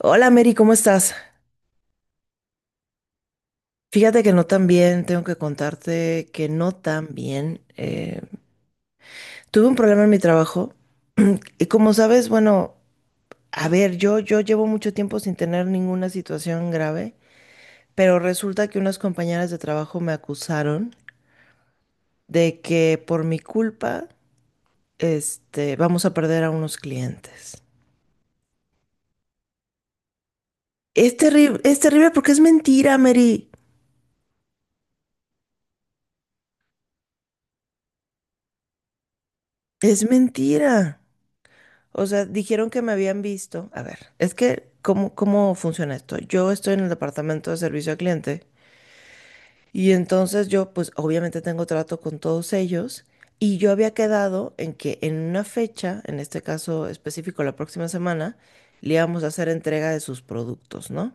Hola Mary, ¿cómo estás? Fíjate que no tan bien, tengo que contarte que no tan bien. Tuve un problema en mi trabajo y como sabes, bueno, a ver, yo llevo mucho tiempo sin tener ninguna situación grave, pero resulta que unas compañeras de trabajo me acusaron de que por mi culpa, vamos a perder a unos clientes. Es terrible porque es mentira, Mary. Es mentira. O sea, dijeron que me habían visto. A ver, es que, ¿cómo funciona esto? Yo estoy en el departamento de servicio al cliente y entonces yo, pues obviamente tengo trato con todos ellos y yo había quedado en que en una fecha, en este caso específico la próxima semana, le íbamos a hacer entrega de sus productos, ¿no?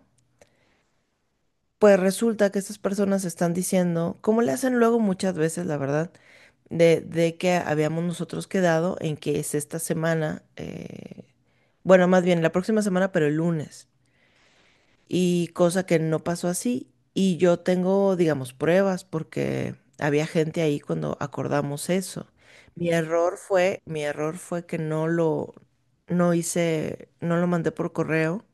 Pues resulta que estas personas están diciendo, como le hacen luego muchas veces, la verdad, de que habíamos nosotros quedado en que es esta semana, bueno, más bien la próxima semana, pero el lunes. Y cosa que no pasó así. Y yo tengo, digamos, pruebas porque había gente ahí cuando acordamos eso. Mi error fue que no lo, no hice, no lo mandé por correo.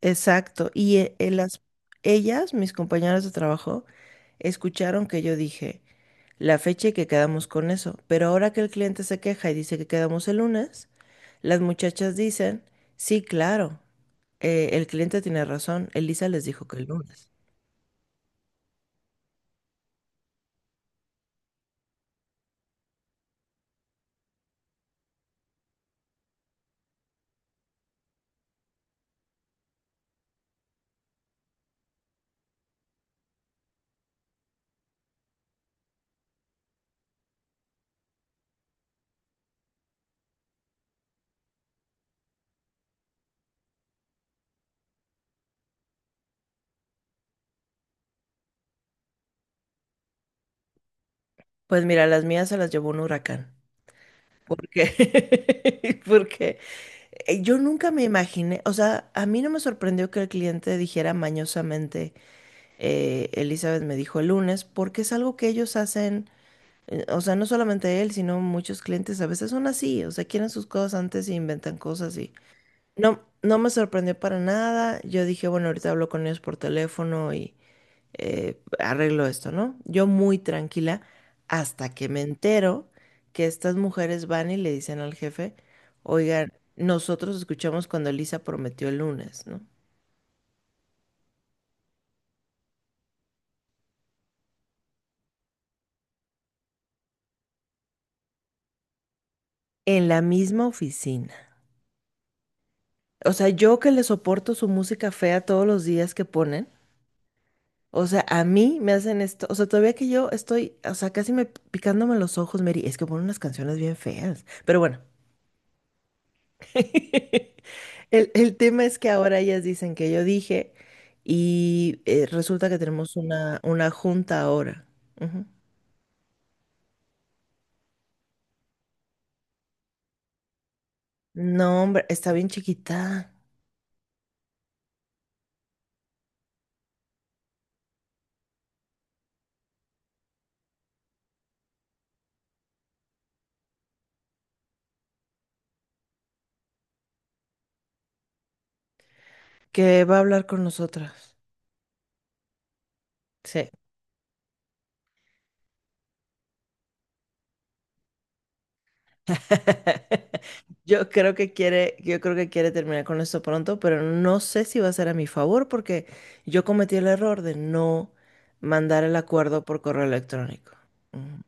Exacto. Y las, ellas, mis compañeras de trabajo, escucharon que yo dije la fecha y que quedamos con eso. Pero ahora que el cliente se queja y dice que quedamos el lunes, las muchachas dicen, sí, claro, el cliente tiene razón, Elisa les dijo que el lunes. Pues mira, las mías se las llevó un huracán. Porque, porque yo nunca me imaginé, o sea, a mí no me sorprendió que el cliente dijera mañosamente. Elizabeth me dijo el lunes, porque es algo que ellos hacen, o sea, no solamente él, sino muchos clientes a veces son así, o sea, quieren sus cosas antes y inventan cosas y no me sorprendió para nada. Yo dije, bueno, ahorita hablo con ellos por teléfono y arreglo esto, ¿no? Yo muy tranquila hasta que me entero que estas mujeres van y le dicen al jefe, oigan, nosotros escuchamos cuando Elisa prometió el lunes, ¿no? En la misma oficina. O sea, yo que le soporto su música fea todos los días que ponen, o sea, a mí me hacen esto, o sea, todavía que yo estoy, o sea, casi me picándome los ojos, Mary, es que ponen unas canciones bien feas, pero bueno, el tema es que ahora ellas dicen que yo dije y resulta que tenemos una junta ahora. Ujú. No, hombre, está bien chiquita, que va a hablar con nosotras. Sí. Yo creo que quiere, yo creo que quiere terminar con esto pronto, pero no sé si va a ser a mi favor porque yo cometí el error de no mandar el acuerdo por correo electrónico. Mm.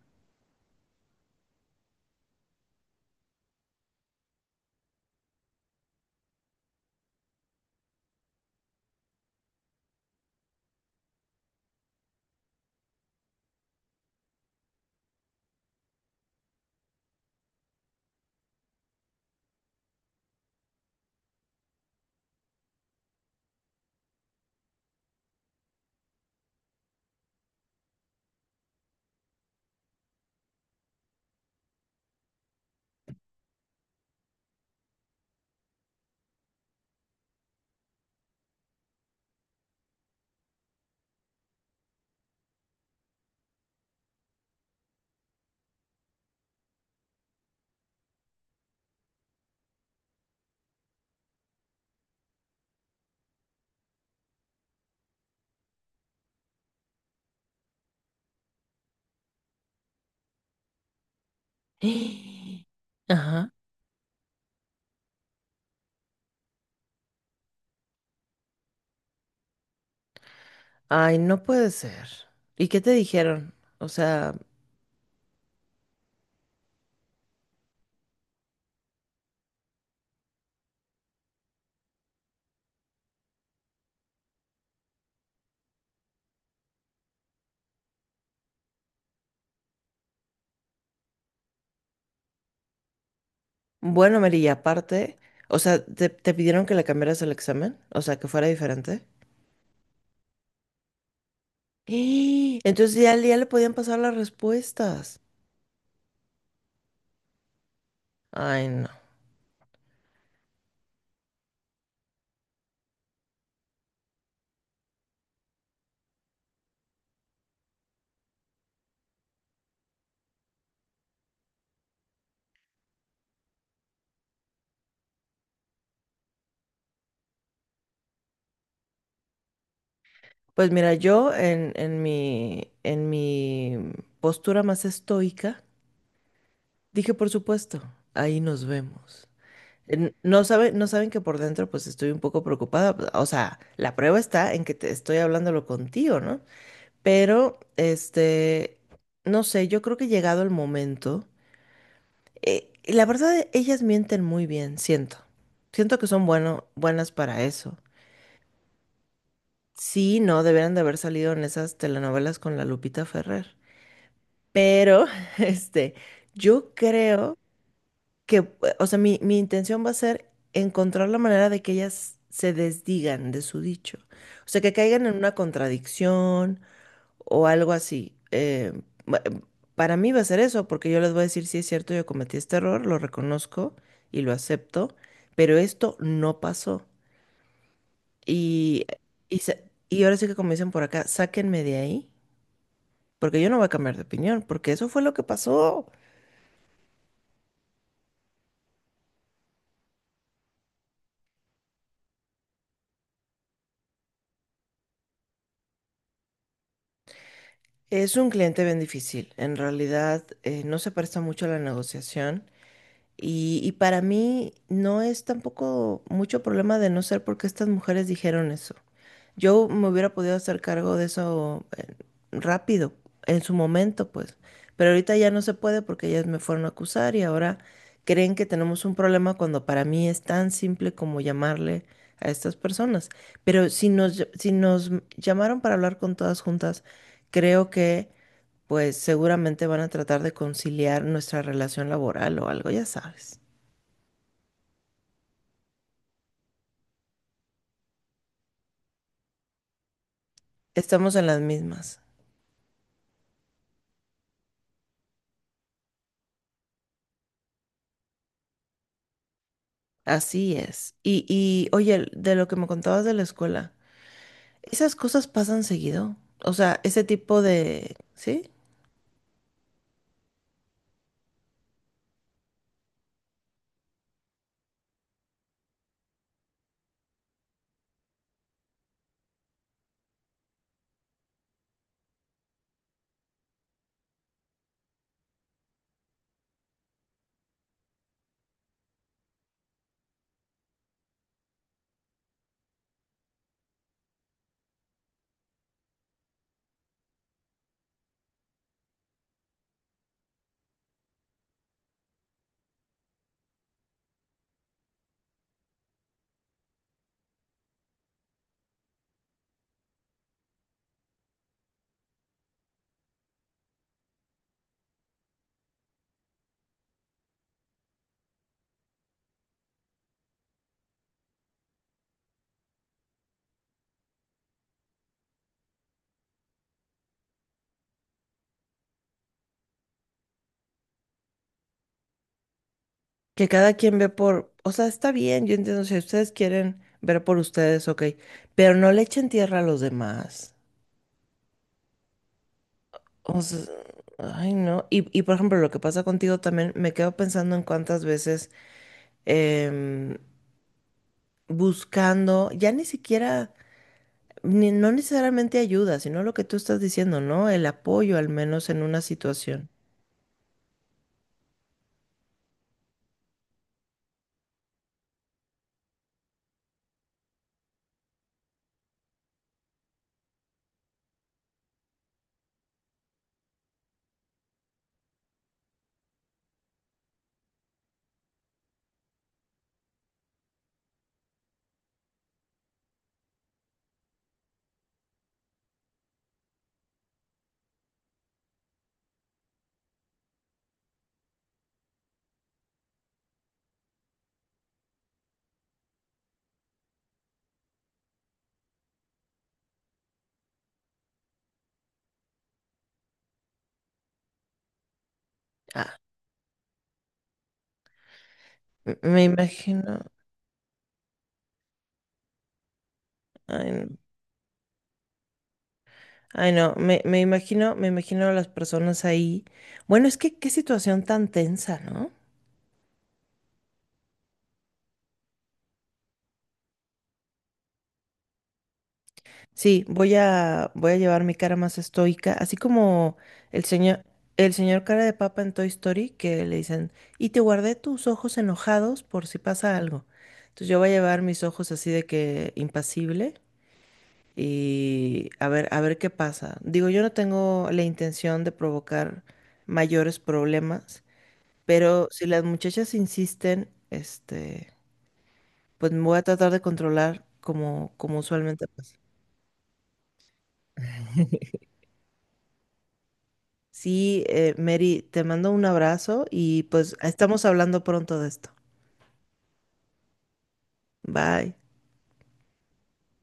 Ajá. Ay, no puede ser. ¿Y qué te dijeron? O sea, bueno, Mary, y aparte, o sea, ¿te, te pidieron que le cambiaras el examen? O sea, que fuera diferente. Entonces ya, al día le podían pasar las respuestas. Ay, no. Pues mira, yo en mi postura más estoica, dije, por supuesto, ahí nos vemos. En- No sabe, no saben que por dentro pues estoy un poco preocupada. Pues, o sea, la prueba está en que te estoy hablándolo contigo, ¿no? Pero, este, no sé, yo creo que llegado el momento, y la verdad, ellas mienten muy bien, siento. Siento que son bueno, buenas para eso. Sí, no, deberían de haber salido en esas telenovelas con la Lupita Ferrer. Pero, este, yo creo que, o sea, mi intención va a ser encontrar la manera de que ellas se desdigan de su dicho. O sea, que caigan en una contradicción o algo así. Ba- para mí va a ser eso, porque yo les voy a decir, sí es cierto, yo cometí este error, lo reconozco y lo acepto, pero esto no pasó. Y, y, y ahora sí que como dicen por acá, sáquenme de ahí, porque yo no voy a cambiar de opinión, porque eso fue lo que pasó. Es un cliente bien difícil. En realidad, no se presta mucho a la negociación. Y para mí no es tampoco mucho problema de no ser porque estas mujeres dijeron eso. Yo me hubiera podido hacer cargo de eso rápido, en su momento, pues. Pero ahorita ya no se puede porque ellas me fueron a acusar y ahora creen que tenemos un problema cuando para mí es tan simple como llamarle a estas personas. Pero si nos llamaron para hablar con todas juntas, creo que pues seguramente van a tratar de conciliar nuestra relación laboral o algo, ya sabes. Estamos en las mismas. Así es. Y oye, de lo que me contabas de la escuela, esas cosas pasan seguido. O sea, ese tipo de, ¿sí? Que cada quien ve por, o sea, está bien, yo entiendo si ustedes quieren ver por ustedes, ok, pero no le echen tierra a los demás. O sea, ay, no. Y por ejemplo, lo que pasa contigo también, me quedo pensando en cuántas veces... em, buscando, ya ni siquiera, no necesariamente ayuda, sino lo que tú estás diciendo, ¿no? El apoyo, al menos en una situación. Ah, me imagino, ay, no, ay, no, me imagino, me imagino a las personas ahí. Bueno, es que qué situación tan tensa, ¿no? Sí, voy a, voy a llevar mi cara más estoica, así como el señor, el señor cara de papa en Toy Story, que le dicen, y te guardé tus ojos enojados por si pasa algo. Entonces yo voy a llevar mis ojos así de que impasible y a ver qué pasa. Digo, yo no tengo la intención de provocar mayores problemas, pero si las muchachas insisten, este, pues me voy a tratar de controlar como, como usualmente pasa. Sí, Mary, te mando un abrazo y pues estamos hablando pronto de esto. Bye.